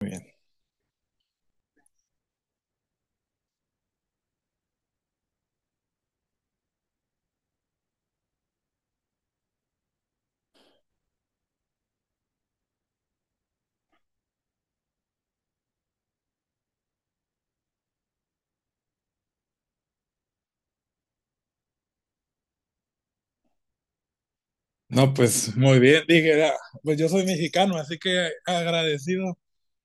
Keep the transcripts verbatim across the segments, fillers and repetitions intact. Muy bien. No, pues muy bien, dije, "Ah, pues yo soy mexicano, así que agradecido."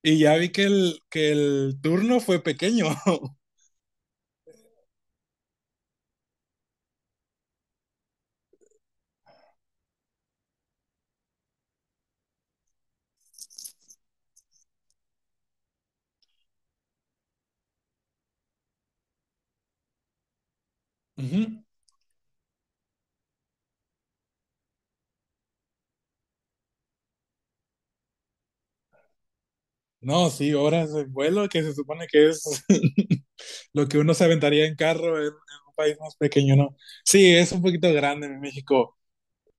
Y ya vi que el, que el turno fue pequeño. Ujú. No, sí, horas de vuelo, que se supone que es lo que uno se aventaría en carro en, en un país más pequeño, ¿no? Sí, es un poquito grande en México.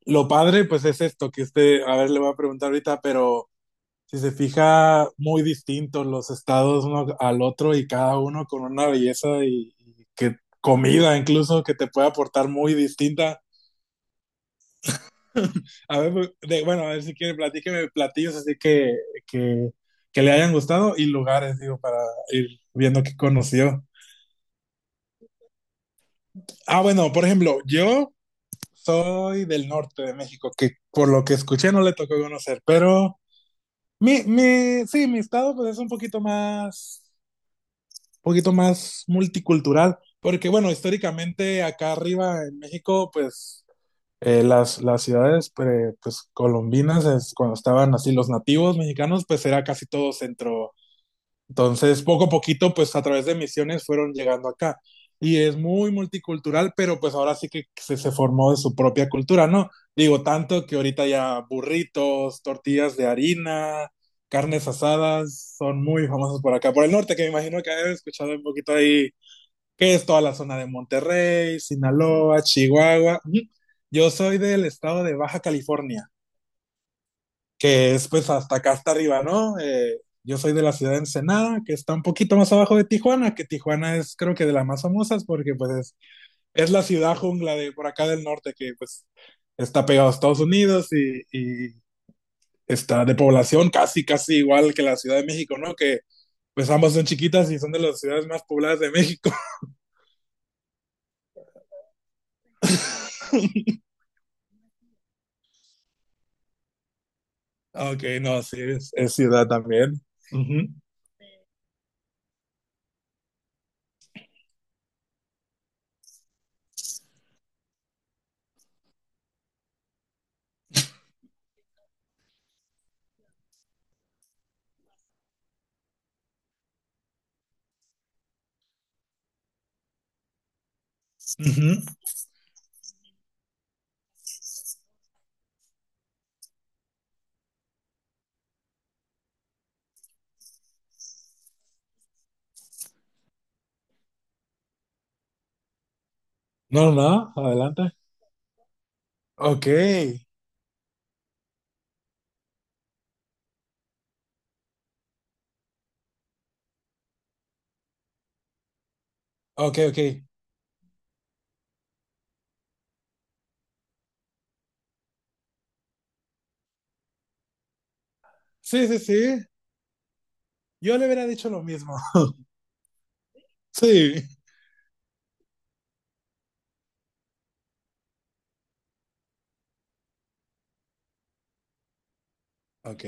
Lo padre pues es esto, que este, a ver, le voy a preguntar ahorita, pero si se fija, muy distintos los estados uno al otro y cada uno con una belleza y, y que comida incluso que te puede aportar muy distinta. A ver, pues, de- bueno, a ver si quiere, platíqueme platillos así que, que, que le hayan gustado, y lugares, digo, para ir viendo qué conoció. Ah, bueno, por ejemplo, yo soy del norte de México, que por lo que escuché no le tocó conocer, pero mi, mi, sí, mi estado pues es un poquito más poquito más multicultural, porque bueno, históricamente acá arriba en México, pues eh, las, las ciudades pre- pues, colombinas, es, cuando estaban así los nativos mexicanos, pues era casi todo centro. Entonces, poco a poquito, pues a través de misiones fueron llegando acá. Y es muy multicultural, pero pues ahora sí que se, se formó de su propia cultura, ¿no? Digo, tanto que ahorita ya burritos, tortillas de harina, carnes asadas son muy famosos por acá, por el norte, que me imagino que he escuchado un poquito ahí, que es toda la zona de Monterrey, Sinaloa, Chihuahua. Ujú. Yo soy del estado de Baja California, que es pues hasta acá hasta arriba, ¿no? Eh, yo soy de la ciudad de Ensenada, que está un poquito más abajo de Tijuana, que Tijuana es creo que de las más famosas porque pues es, es la ciudad jungla de por acá del norte, que pues está pegado a Estados Unidos y, y está de población casi, casi igual que la Ciudad de México, ¿no? Que pues ambas son chiquitas y son de las ciudades más pobladas de México. Ok, no, sí, es, es ciudad también. Ujú, ujú. No, no, adelante. Ok, ok, ok. Sí, sí, sí. Yo le hubiera dicho lo mismo. Sí. Ok.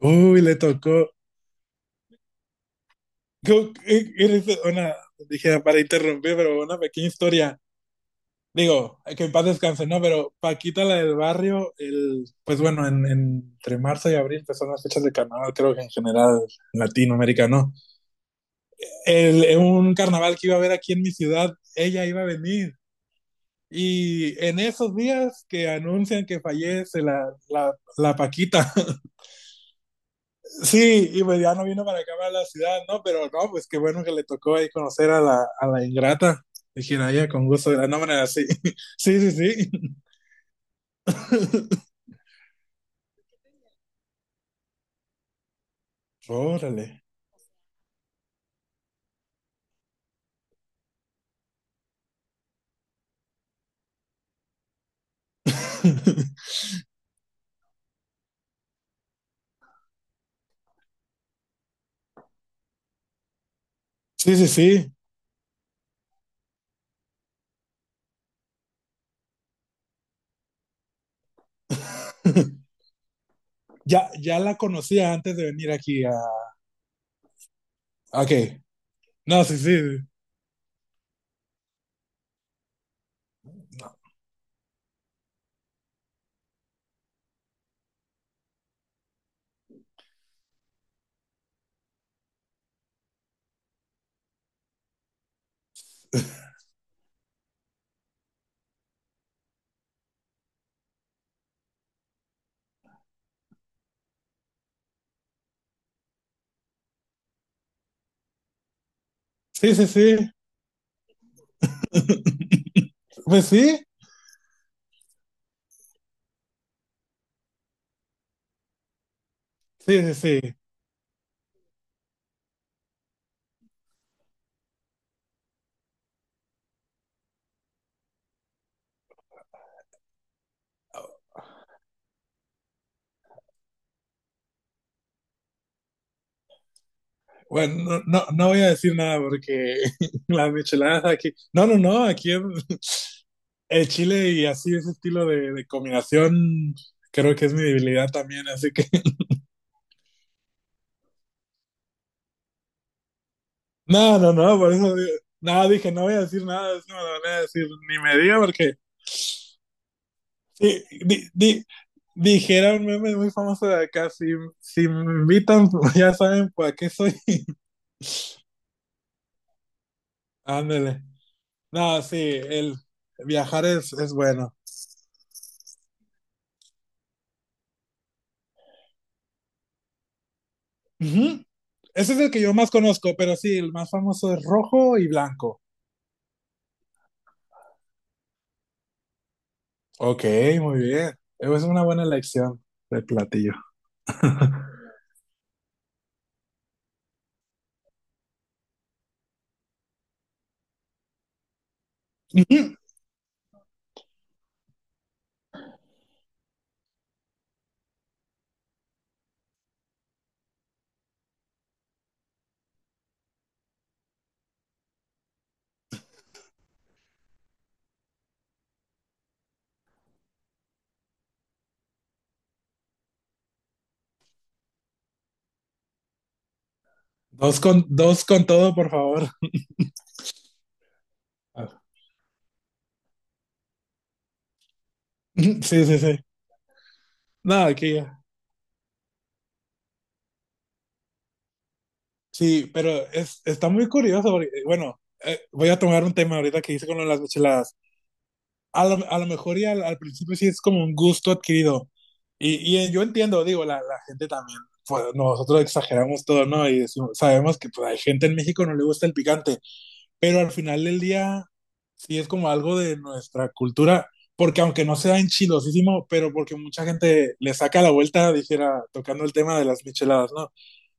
Uy, le tocó. Una, dije para interrumpir, pero una pequeña historia. Digo, que en paz descanse, ¿no? Pero Paquita la del barrio, el, pues bueno, en, en- entre marzo y abril, pues son las fechas de carnaval, creo que en general latinoamericano. El, en un carnaval que iba a haber aquí en mi ciudad, ella iba a venir. Y en esos días que anuncian que fallece la, la, la Paquita. Sí, y pues ya no vino para acá, para la ciudad, ¿no? Pero no, pues qué bueno que le tocó ahí conocer a la, a la ingrata. De Jiraya, con gusto, de la no, manera, sí. Sí, sí, sí. Órale. Sí, sí, sí. Ya, ya la conocía antes de venir aquí a... Ok. No, sí, sí. Sí, sí, sí. Pues sí. Sí, sí, sí. Bueno, no, no, no voy a decir nada porque las micheladas aquí... No, no, no, aquí es... El chile y así ese estilo de, de combinación creo que es mi debilidad también, así que no, no, no, por eso di- nada, dije, no voy a decir nada, es que me lo van a decir, ni me diga porque sí, di- di- dijera un meme muy famoso de acá, si, si me invitan, ya saben para qué soy. Ándale. No, sí, el viajar es, es bueno. Ujú. Ese es el que yo más conozco, pero sí, el más famoso es rojo y blanco. Ok, muy bien. Es una buena elección de platillo. Dos con, dos con todo, por favor. Ah, sí, sí, sí. No, aquí ya. Sí, pero es, está muy curioso porque, bueno, eh, voy a tomar un tema ahorita que hice con lo de las micheladas. A lo, a lo mejor y al, al principio sí es como un gusto adquirido. Y, y, eh, yo entiendo, digo, la, la gente también, pues, nosotros exageramos todo, ¿no? Y decimos- sabemos que pues hay gente en México no le gusta el picante, pero al final del día sí es como algo de nuestra cultura, porque aunque no sea enchilosísimo, pero porque mucha gente le saca la vuelta, dijera, tocando el tema de las micheladas, ¿no?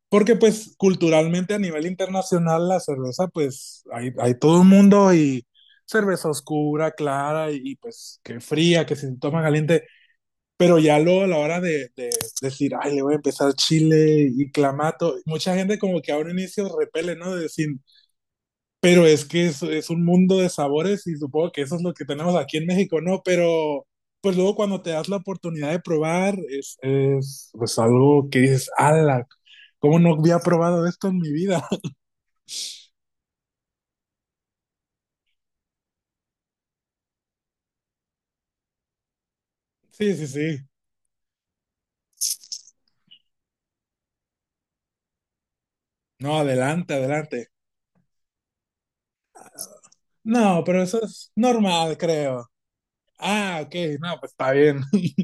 Porque pues culturalmente a nivel internacional la cerveza, pues hay, hay todo el mundo y cerveza oscura, clara y, y, pues que fría, que se toma caliente, pero ya luego a la hora de, de decir, ay, le voy a empezar chile y clamato, mucha gente como que a un inicio repele, ¿no? De decir, pero es que es, es un mundo de sabores y supongo que eso es lo que tenemos aquí en México, ¿no? Pero pues luego cuando te das la oportunidad de probar, es, es pues algo que dices, ala, ¿cómo no había probado esto en mi vida? Sí, sí, sí. No, adelante, adelante. No, pero eso es normal, creo. Ah, ok, no, pues está bien.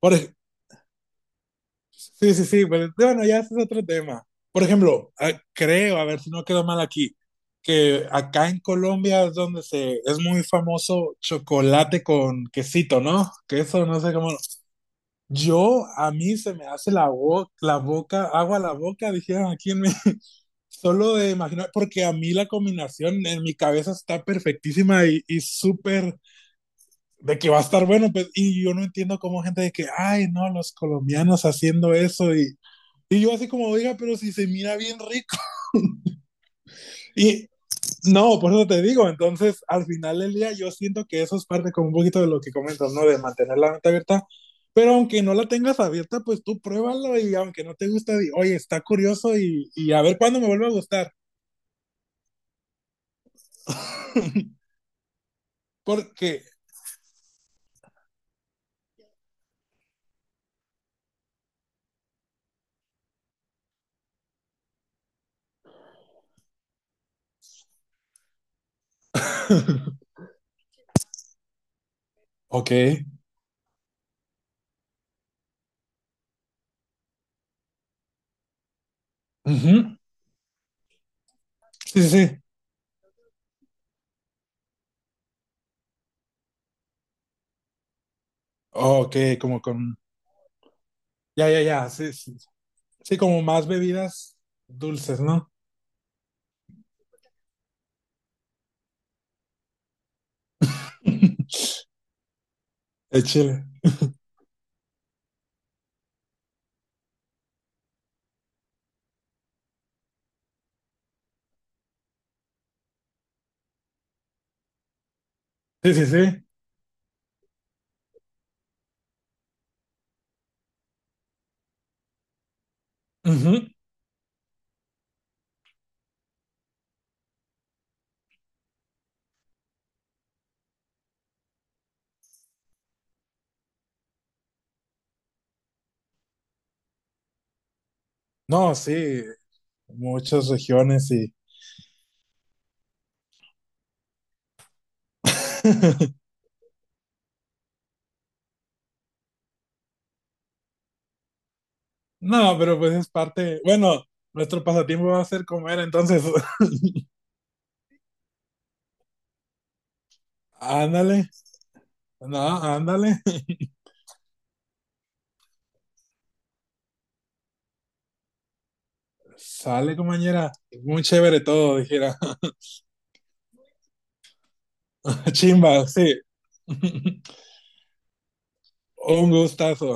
Por ej- Sí, sí, sí, pero bueno, ya ese es otro tema. Por ejemplo, ah, creo, a ver si no quedó mal aquí, que acá en Colombia es donde se es muy famoso chocolate con quesito, ¿no? Queso no sé cómo. Yo a mí se me hace la boca, la boca, agua a la boca, dijeron aquí en México. Solo de imaginar, porque a mí la combinación en mi cabeza está perfectísima y, y súper de que va a estar bueno, pues, y yo no entiendo cómo gente de que, ay, no, los colombianos haciendo eso, y y yo así como, diga, pero si se mira bien rico. Y no, por eso te digo, entonces al final del día yo siento que eso es parte como un poquito de lo que comentas, ¿no? De mantener la mente abierta. Pero aunque no la tengas abierta, pues tú pruébalo y aunque no te gusta, di, oye, está curioso y, y a ver cuándo me vuelve a gustar. Porque, ok, ujú, sí, sí, sí, ok, como con, ya, ya, ya, sí, sí, sí, como más bebidas dulces, ¿no? De chile. Sí, sí, sí. Ujú. No, sí, muchas regiones y... No, pero pues es parte... Bueno, nuestro pasatiempo va a ser comer, entonces ándale, no, ándale, sale compañera, muy chévere todo, dijera. Chimba, sí. Un gustazo.